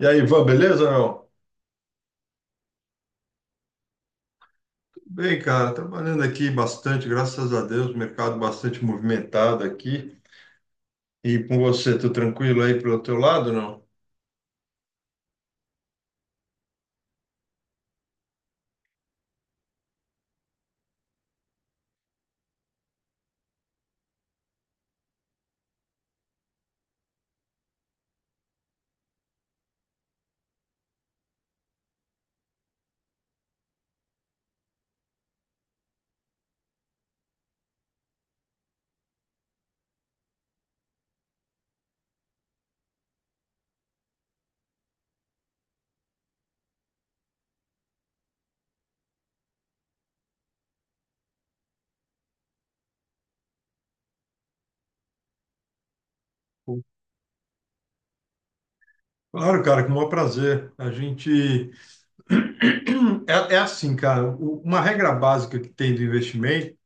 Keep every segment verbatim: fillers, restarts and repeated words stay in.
E aí, Ivan, beleza, não? Tudo bem, cara. Trabalhando aqui bastante, graças a Deus, mercado bastante movimentado aqui. E com você, tudo tranquilo aí pelo teu lado, não? Claro, cara, com o maior prazer. A gente. É, é assim, cara, o- uma regra básica que tem do investimento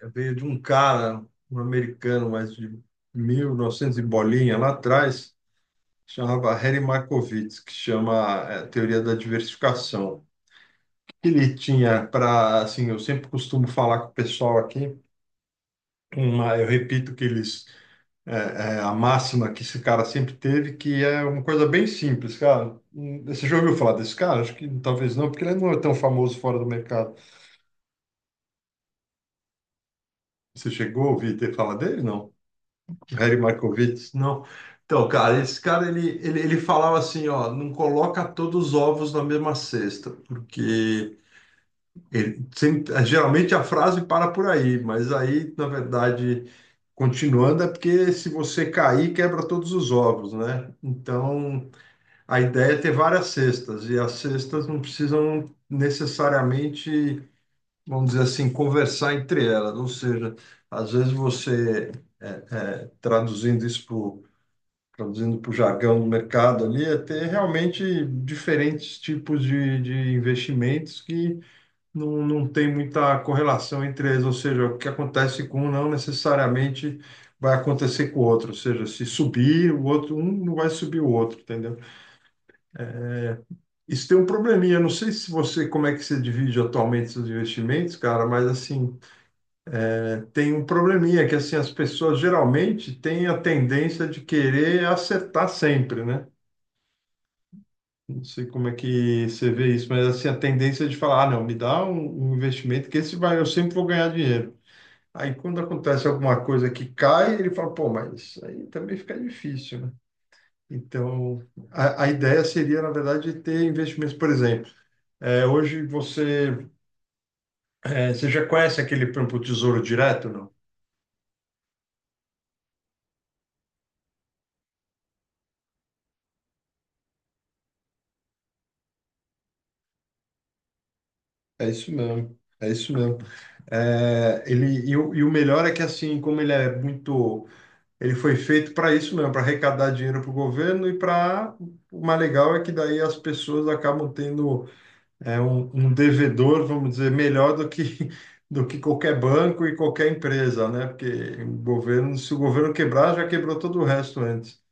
é, veio de um cara, um americano, mas de mil e novecentos e novecentos e bolinha lá atrás, chamava Harry Markowitz, que chama, é, Teoria da Diversificação. Ele tinha para, assim, eu sempre costumo falar com o pessoal aqui, uma, eu repito que eles, é, é, a máxima que esse cara sempre teve, que é uma coisa bem simples, cara. Hum, Você já ouviu falar desse cara? Acho que talvez não, porque ele não é tão famoso fora do mercado. Você chegou a ouvir ter falar dele? Não. Harry Markowitz? Não. Então, cara, esse cara, ele, ele, ele falava assim, ó, não coloca todos os ovos na mesma cesta, porque ele, sem- eh, geralmente a frase para por aí, mas aí, na verdade, continuando, é porque se você cair, quebra todos os ovos, né? Então, a ideia é ter várias cestas, e as cestas não precisam necessariamente, vamos dizer assim, conversar entre elas. Ou seja, às vezes você, é, é, traduzindo isso pro, traduzindo para o jargão do mercado ali, é ter realmente diferentes tipos de, de investimentos que não, não tem muita correlação entre eles, ou seja, o que acontece com um não necessariamente vai acontecer com o outro, ou seja, se subir, o outro, um não vai subir o outro, entendeu? Isso tem um probleminha, não sei se você, como é que você divide atualmente seus investimentos, cara, mas assim, é, tem um probleminha que assim, as pessoas geralmente têm a tendência de querer acertar sempre, né? Não sei como é que você vê isso, mas assim, a tendência de falar, ah, não, me dá um, um investimento que esse vai, eu sempre vou ganhar dinheiro. Aí quando acontece alguma coisa que cai, ele fala, pô, mas aí também fica difícil, né? Então, a, a ideia seria, na verdade, ter investimentos, por exemplo, é, hoje você, é, você já conhece aquele, por exemplo, Tesouro Direto, não? É isso mesmo, é isso mesmo. É, ele, e, o, e o melhor é que, assim, como ele é muito. Ele foi feito para isso mesmo, para arrecadar dinheiro para o governo e para. O mais legal é que daí as pessoas acabam tendo é um, um devedor, vamos dizer, melhor do que, do que qualquer banco e qualquer empresa, né? Porque o governo, se o governo quebrar, já quebrou todo o resto antes.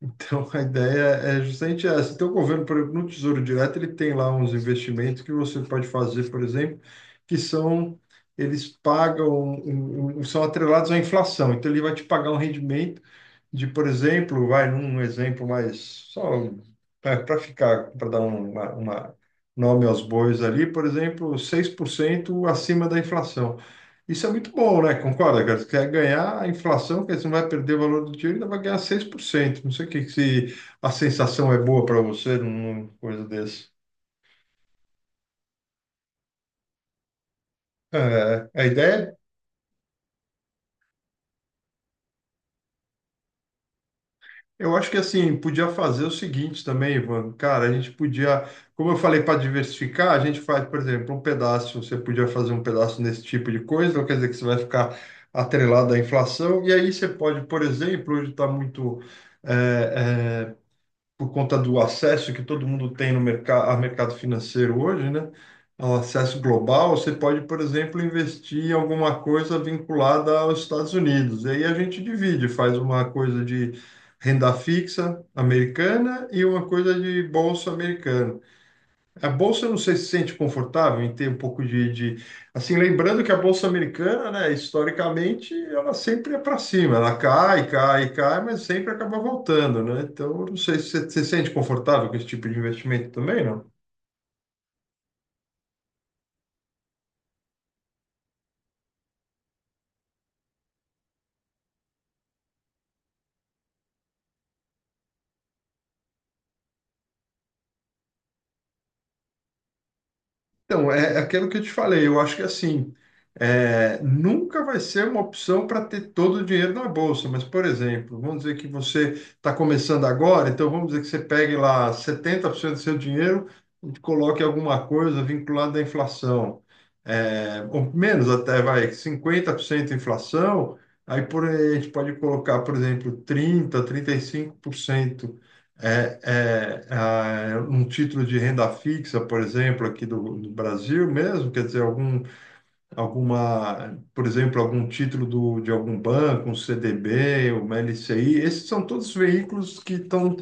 Então, a ideia é justamente essa. Então, o governo, por exemplo, no Tesouro Direto, ele tem lá uns investimentos que você pode fazer, por exemplo, que são, eles pagam, um- um- um, são atrelados à inflação. Então, ele vai te pagar um rendimento de, por exemplo, vai num exemplo mais só para ficar, para dar um, uma, uma nome aos bois ali, por exemplo, seis por cento acima da inflação. Isso é muito bom, né? Concorda, cara? Você quer ganhar a inflação, quer dizer, você não vai perder o valor do dinheiro, ainda vai ganhar seis por cento. Não sei o que que se a sensação é boa para você numa coisa desse. É, a ideia é. Eu acho que assim, podia fazer o seguinte também, Ivan. Cara, a gente podia, como eu falei, para diversificar, a gente faz, por exemplo, um pedaço, você podia fazer um pedaço nesse tipo de coisa, não quer dizer que você vai ficar atrelado à inflação, e aí você pode, por exemplo, hoje está muito. eh, eh, por conta do acesso que todo mundo tem no mercado, ao mercado financeiro hoje, né? Ao acesso global, você pode, por exemplo, investir em alguma coisa vinculada aos Estados Unidos. E aí a gente divide, faz uma coisa de renda fixa americana e uma coisa de bolsa americana. A bolsa não sei se sente confortável em ter um pouco de, de- assim, lembrando que a bolsa americana, né, historicamente, ela sempre é para cima, ela cai, cai, cai, mas sempre acaba voltando, né? Então, eu não sei se você se sente confortável com esse tipo de investimento também. Então, é é aquilo que eu te falei, eu acho que assim, é, nunca vai ser uma opção para ter todo o dinheiro na bolsa, mas, por exemplo, vamos dizer que você está começando agora, então vamos dizer que você pegue lá setenta por cento do seu dinheiro e coloque alguma coisa vinculada à inflação. É, ou menos até, vai, cinquenta por cento inflação, aí por, a gente pode colocar, por exemplo, trinta, por cento, trinta e cinco por cento. É, é, ah, um título de renda fixa, por exemplo, aqui do, do Brasil mesmo, quer dizer, algum alguma, por exemplo, algum título do, de algum banco, um C D B, uma L C I, esses são todos veículos que estão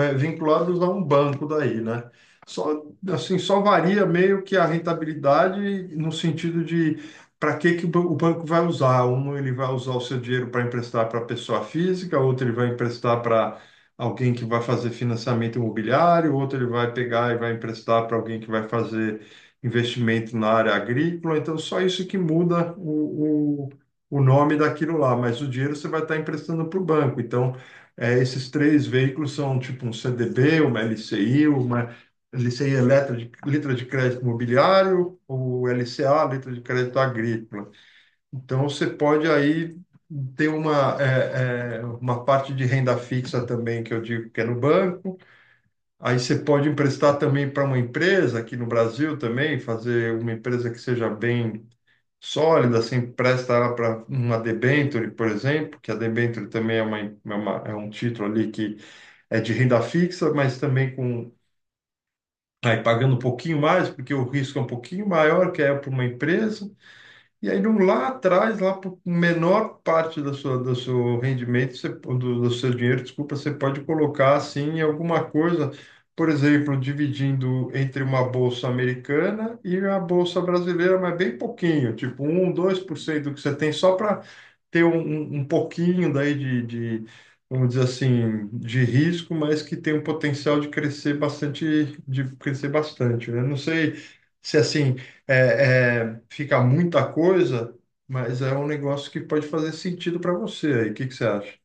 é, vinculados a um banco daí, né? Só, assim, só varia meio que a rentabilidade no sentido de para que que o ban- o banco vai usar. Um, ele vai usar o seu dinheiro para emprestar para pessoa física, outro ele vai emprestar para alguém que vai fazer financiamento imobiliário, outro ele vai pegar e vai emprestar para alguém que vai fazer investimento na área agrícola, então só isso que muda o, o, o nome daquilo lá, mas o dinheiro você vai estar emprestando para o banco. Então, é, esses três veículos são tipo um C D B, uma L C I, uma L C I é letra de, letra de crédito imobiliário, ou L C A, letra de crédito agrícola. Então, você pode aí ter uma, é, é, uma parte de renda fixa também, que eu digo que é no banco. Aí você pode emprestar também para uma empresa, aqui no Brasil também, fazer uma empresa que seja bem sólida, você empresta ela para uma debênture, por exemplo, que a debênture também é, uma, é, uma- é um título ali que é de renda fixa, mas também com aí pagando um pouquinho mais, porque o risco é um pouquinho maior, que é para uma empresa, e aí no- lá atrás, lá por menor parte da sua, do seu rendimento, você- do, do seu dinheiro, desculpa, você pode colocar assim em alguma coisa, por exemplo, dividindo entre uma bolsa americana e a bolsa brasileira, mas bem pouquinho, tipo um 1, dois por cento do que você tem, só para ter um, um um pouquinho daí de, de, vamos dizer assim, de risco, mas que tem um potencial de crescer bastante, de crescer bastante, né? Não sei se assim é, é, fica muita coisa, mas é um negócio que pode fazer sentido para você aí. O que que você acha?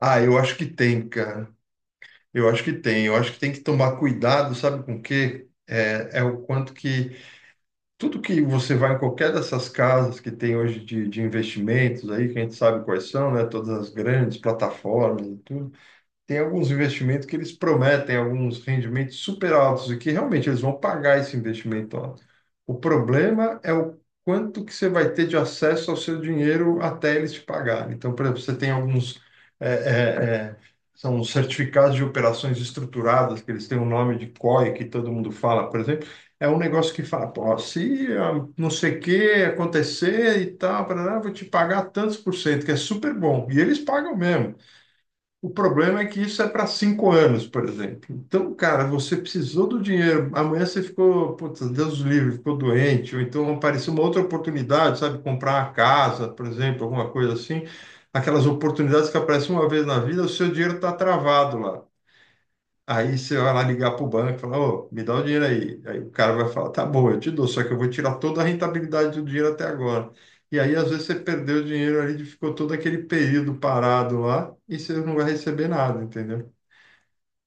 Ah, eu acho que tem, cara. Eu acho que tem. Eu acho que tem que tomar cuidado, sabe com o quê? É, é o quanto que tudo que você vai em qualquer dessas casas que tem hoje de, de investimentos aí, que a gente sabe quais são, né? Todas as grandes plataformas e tudo. Tem alguns investimentos que eles prometem alguns rendimentos super altos e que realmente eles vão pagar esse investimento alto. O problema é o quanto que você vai ter de acesso ao seu dinheiro até eles te pagarem. Então, por exemplo, você tem alguns é, é, é, são os certificados de operações estruturadas, que eles têm o nome de C O I, que todo mundo fala, por exemplo, é um negócio que fala, pô, se ah, não sei o que acontecer e tal, parará, vou te pagar tantos por cento, que é super bom. E eles pagam mesmo. O problema é que isso é para cinco anos, por exemplo. Então, cara, você precisou do dinheiro. Amanhã você ficou, putz, Deus livre, ficou doente, ou então apareceu uma outra oportunidade, sabe? Comprar uma casa, por exemplo, alguma coisa assim. Aquelas oportunidades que aparecem uma vez na vida, o seu dinheiro está travado lá. Aí você vai lá ligar para o banco e falar, ô, me dá o dinheiro aí. Aí o cara vai falar, tá bom, eu te dou, só que eu vou tirar toda a rentabilidade do dinheiro até agora. E aí, às vezes, você perdeu o dinheiro ali, ficou todo aquele período parado lá e você não vai receber nada, entendeu?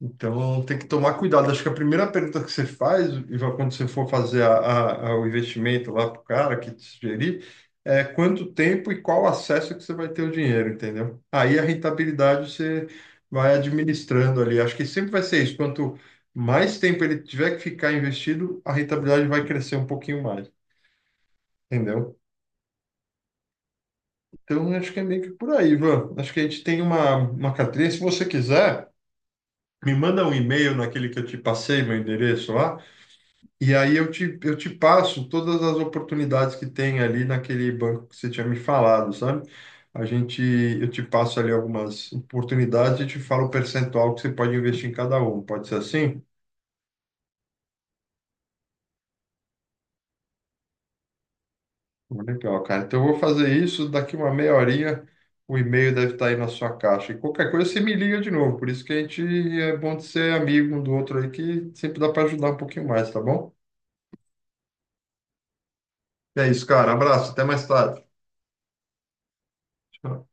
Então, tem que tomar cuidado. Acho que a primeira pergunta que você faz, e vai quando você for fazer a, a- a- o investimento lá para o cara que te sugerir, é quanto tempo e qual acesso que você vai ter o dinheiro, entendeu? Aí a rentabilidade você vai administrando ali. Acho que sempre vai ser isso. Quanto mais tempo ele tiver que ficar investido, a rentabilidade vai crescer um pouquinho mais, entendeu? Então, acho que é meio que por aí, Ivan. Acho que a gente tem uma, uma carteirinha. Se você quiser, me manda um e-mail naquele que eu te passei, meu endereço lá. E aí eu te, eu te passo todas as oportunidades que tem ali naquele banco que você tinha me falado, sabe? A gente, eu te passo ali algumas oportunidades e te falo o percentual que você pode investir em cada um. Pode ser assim? Legal, cara. Então eu vou fazer isso, daqui uma meia horinha o e-mail deve estar aí na sua caixa. E qualquer coisa você me liga de novo. Por isso que a gente é bom de ser amigo um do outro aí, que sempre dá para ajudar um pouquinho mais, tá bom? É isso, cara. Abraço, até mais tarde. Tchau.